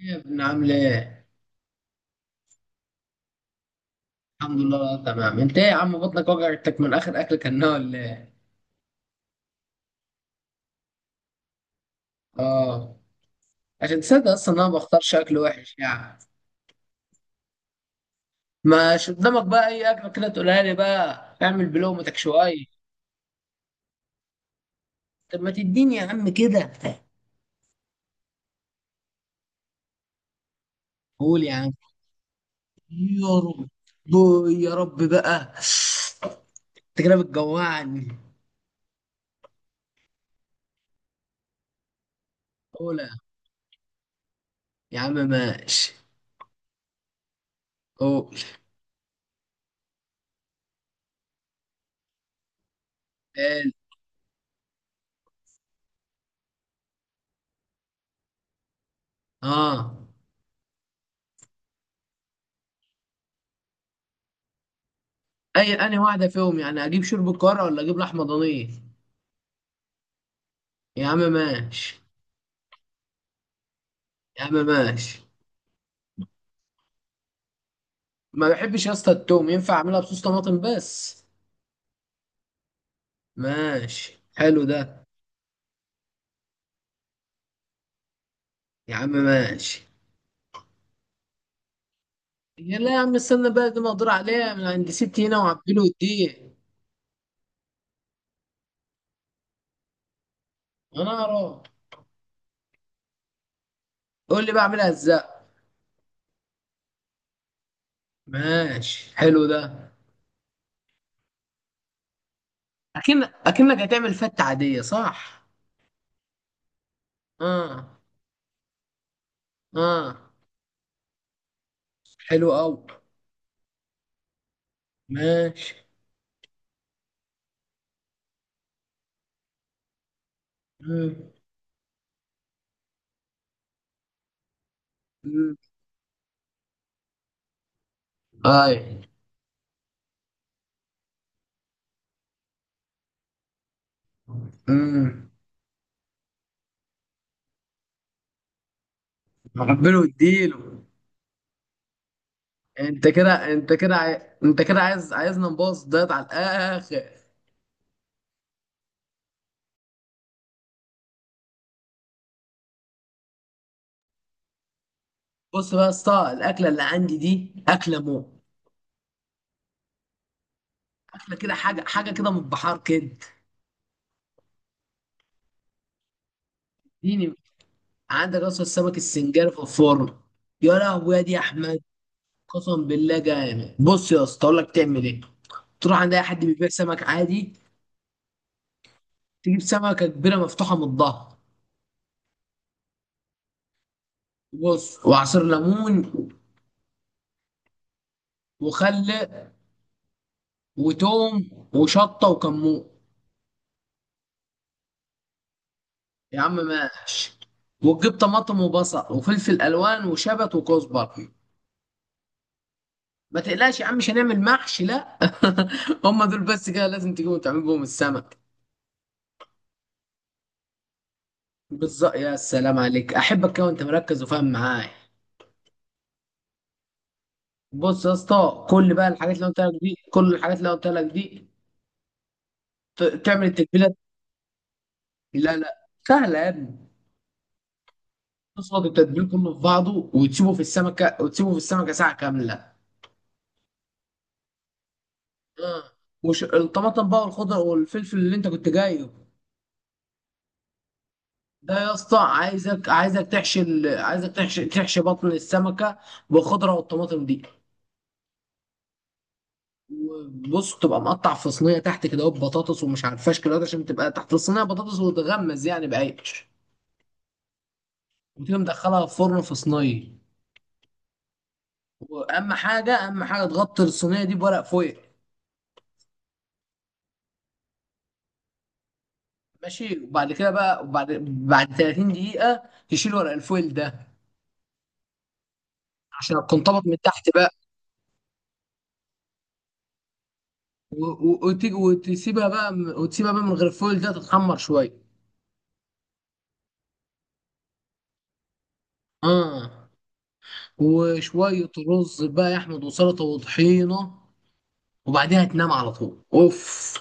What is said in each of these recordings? يا ابن عامل ايه؟ الحمد لله تمام، انت ايه يا عم؟ بطنك وجعتك من اخر اكل كناه ولا ايه؟ اه. عشان تصدق اصلا انا ما بختارش اكل وحش يعني. مش قدامك بقى اي اكل كده تقولها لي بقى اعمل بلومتك شويه؟ طب ما تديني يا عم كده. قول يا عم. يا رب يا رب بقى، انت كده بتجوعني. قول يا عم ماشي. قول. قال. اه. اي، انا واحده فيهم يعني، اجيب شوربه كوارع ولا اجيب لحمه ضانيه؟ يا عم ماشي. يا عم ماشي. ما بحبش يا اسطى التوم، ينفع اعملها بصوص طماطم بس؟ ماشي حلو ده. يا عم ماشي. يا لا يا عم استنى بقى، دي مقدور عليها من عند ستي هنا وعبيله واديه. انا اروح. قول لي بقى اعملها ازاي. ماشي حلو ده. اكنك هتعمل فتة عادية صح؟ اه. اه. حلو قوي. ماشي. امم امم اي. امم عبيله واديله. انت كده انت كده عاي... انت كده عايز عايزنا نبوظ دايت على الاخر. بص بقى يا اسطى، الاكله اللي عندي دي اكله مو، اكله كده حاجه حاجه كده من البحار كده. اديني. عندك اصلا السمك السنجاري في الفرن. يا لهوي يا دي يا احمد. قسم بالله جامد. بص يا اسطى اقول لك تعمل ايه. تروح عند اي حد بيبيع سمك عادي. تجيب سمكه كبيره مفتوحه من الظهر. بص، وعصير ليمون وخل وتوم وشطه وكمون. يا عم ماشي. وتجيب طماطم وبصل وفلفل الوان وشبت وكزبره. ما تقلقش يا عم، مش هنعمل محشي لا. هم دول بس كده لازم تجيبهم تعمل بهم السمك. بالظبط، يا سلام عليك، احبك كده وانت مركز وفاهم معايا. بص يا اسطى، كل الحاجات اللي قلت لك دي تعمل التتبيله. لا لا سهله يا ابني. تصفط التتبيل كله في بعضه، وتسيبه في السمكه ساعه كامله. آه. وش الطماطم بقى والخضر والفلفل اللي انت كنت جايبه. ده يا اسطى عايزك تحشي بطن السمكه بالخضره والطماطم دي. وبص، تبقى مقطع في صينيه تحت كده اهو بطاطس ومش عارف فاشكل، عشان تبقى تحت الصينيه بطاطس وتغمز يعني بعيش. وتيجي مدخلها في فرن في صينيه. واهم حاجه تغطي الصينيه دي بورق فويل. ماشي، وبعد كده بقى وبعد 30 دقيقه تشيل ورق الفويل ده عشان تنطبق من تحت بقى. و- و- وتيجي وتسيبها بقى وتسيبها بقى من غير الفويل ده تتحمر شويه. اه. وشوية رز بقى يا أحمد وسلطة وطحينة، وبعديها تنام على طول أوف.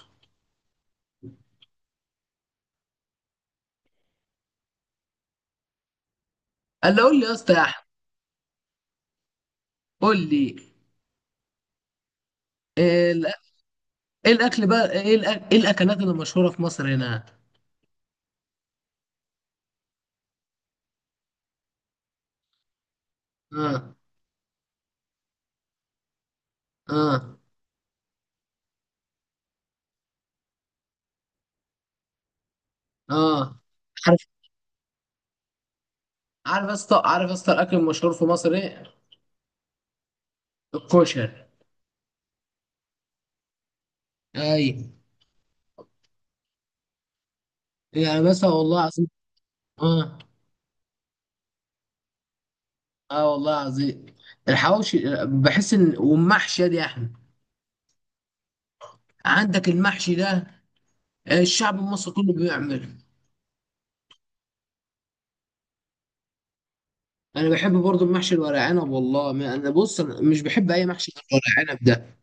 قال لي، قول لي يا اسطى يا أحمد. قول لي. إيه الأ- إيه الأكل بقى؟ إيه الأكلات اللي مشهورة في مصر هنا؟ آه. آه. آه. عارف، عارف يا اسطى الأكل المشهور في مصر إيه؟ الكشري. أي، يعني مثلا والله العظيم. آه. آه والله العظيم، الحواوشي. بحس إن، والمحشي يا دي يا أحمد. عندك المحشي ده الشعب المصري كله بيعمله. انا بحب برضو المحشي الورق عنب. والله ما انا، بص، انا مش بحب اي محشي غير الورق عنب ده.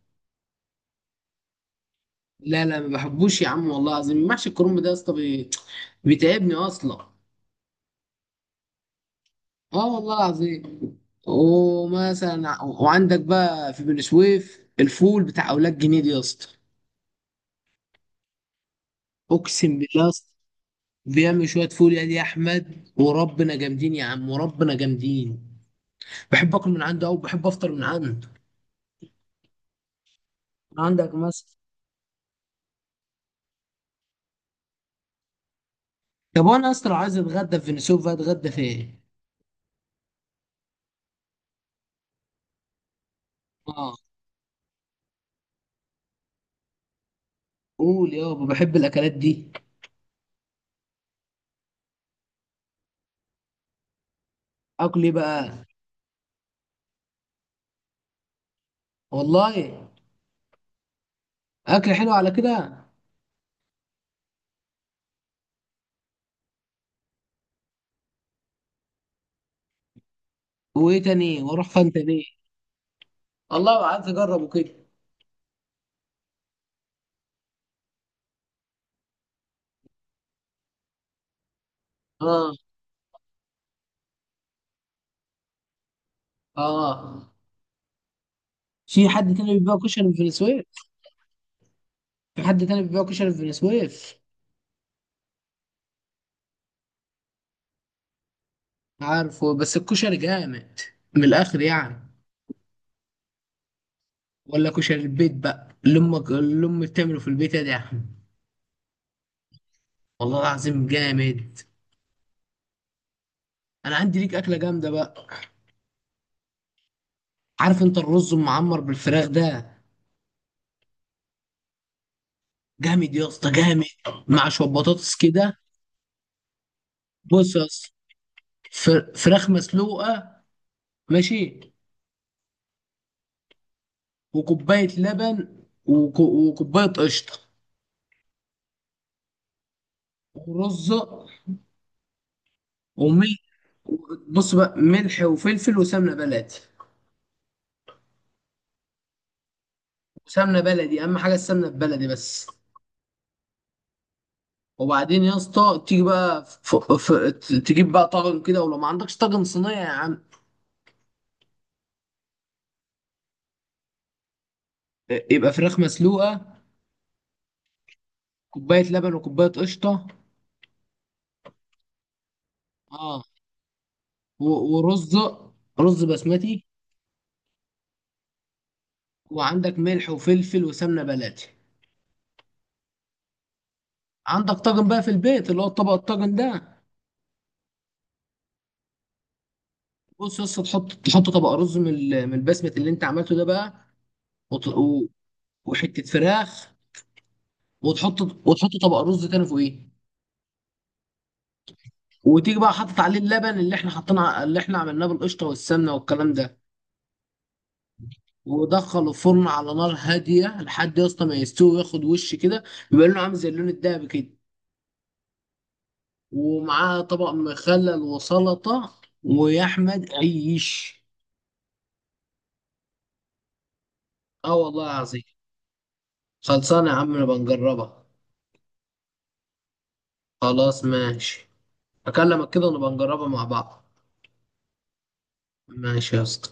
لا لا ما بحبوش يا عم، والله العظيم محشي الكرنب ده يا اسطى بيتعبني اصلا. اه والله العظيم. ومثلا وعندك بقى في بني سويف الفول بتاع اولاد جنيد يا اسطى. اقسم بالله يا اسطى، بيعمل شويه فول يا دي يا احمد وربنا، جامدين يا عم وربنا جامدين. بحب اكل من عنده، او بحب افطر من عنده. عندك مثلا، طب وانا يا اسطى لو عايز اتغدى في بني سويف بقى اتغدى فين؟ آه. قول يابا، بحب الاكلات دي. اكل ايه بقى؟ والله اكل حلو على كده. وايه تاني؟ واروح فين تاني؟ والله عايز اجربه كده. اه. اه. في حد تاني بيبيع كشري في بني سويف؟ في حد تاني بيبيع كشري في بني سويف؟ عارفه، بس الكشري جامد من الاخر يعني. ولا كشري البيت بقى اللي امك، اللي امي بتعمله في البيت يا دي يا احمد. والله العظيم جامد. انا عندي ليك اكله جامده بقى. عارف انت الرز المعمر بالفراخ ده؟ جامد يا اسطى جامد، مع شويه بطاطس كده. بص يا اسطى، فراخ مسلوقه، ماشي، وكوبايه لبن، وكوبايه قشطه، ورزه، وملح. بص بقى، ملح وفلفل وسمنه بلدي، وسمنه بلدي اهم حاجه السمنه البلدي بس. وبعدين يا اسطى تيجي بقى تجيب بقى طاجن كده، ولو ما عندكش طاجن صينيه يا عم. يبقى فراخ مسلوقه، كوبايه لبن وكوبايه قشطه. اه. و... ورز، رز بسمتي. وعندك ملح وفلفل وسمنه بلدي. عندك طاجن بقى في البيت، اللي هو الطبق الطاجن ده؟ بص يا اسطى، تحط طبق رز من من البسمه اللي انت عملته ده بقى، وط- و- وحته فراخ. وتحط طبق رز تاني فوقيه. وتيجي بقى حاطط عليه اللبن اللي احنا حطينا اللي احنا عملناه بالقشطه والسمنه والكلام ده. ودخله الفرن على نار هاديه لحد يا اسطى ما يستوي وياخد وش كده، يبقى لونه عامل زي اللون الدهبي كده. ومعاه طبق مخلل وسلطه، ويا احمد عيش. اه والله العظيم. خلصانة يا عم، نبقى نجربها. خلاص ماشي. هكلمك كده ونبقى نجربها مع بعض. ماشي يا اسطى.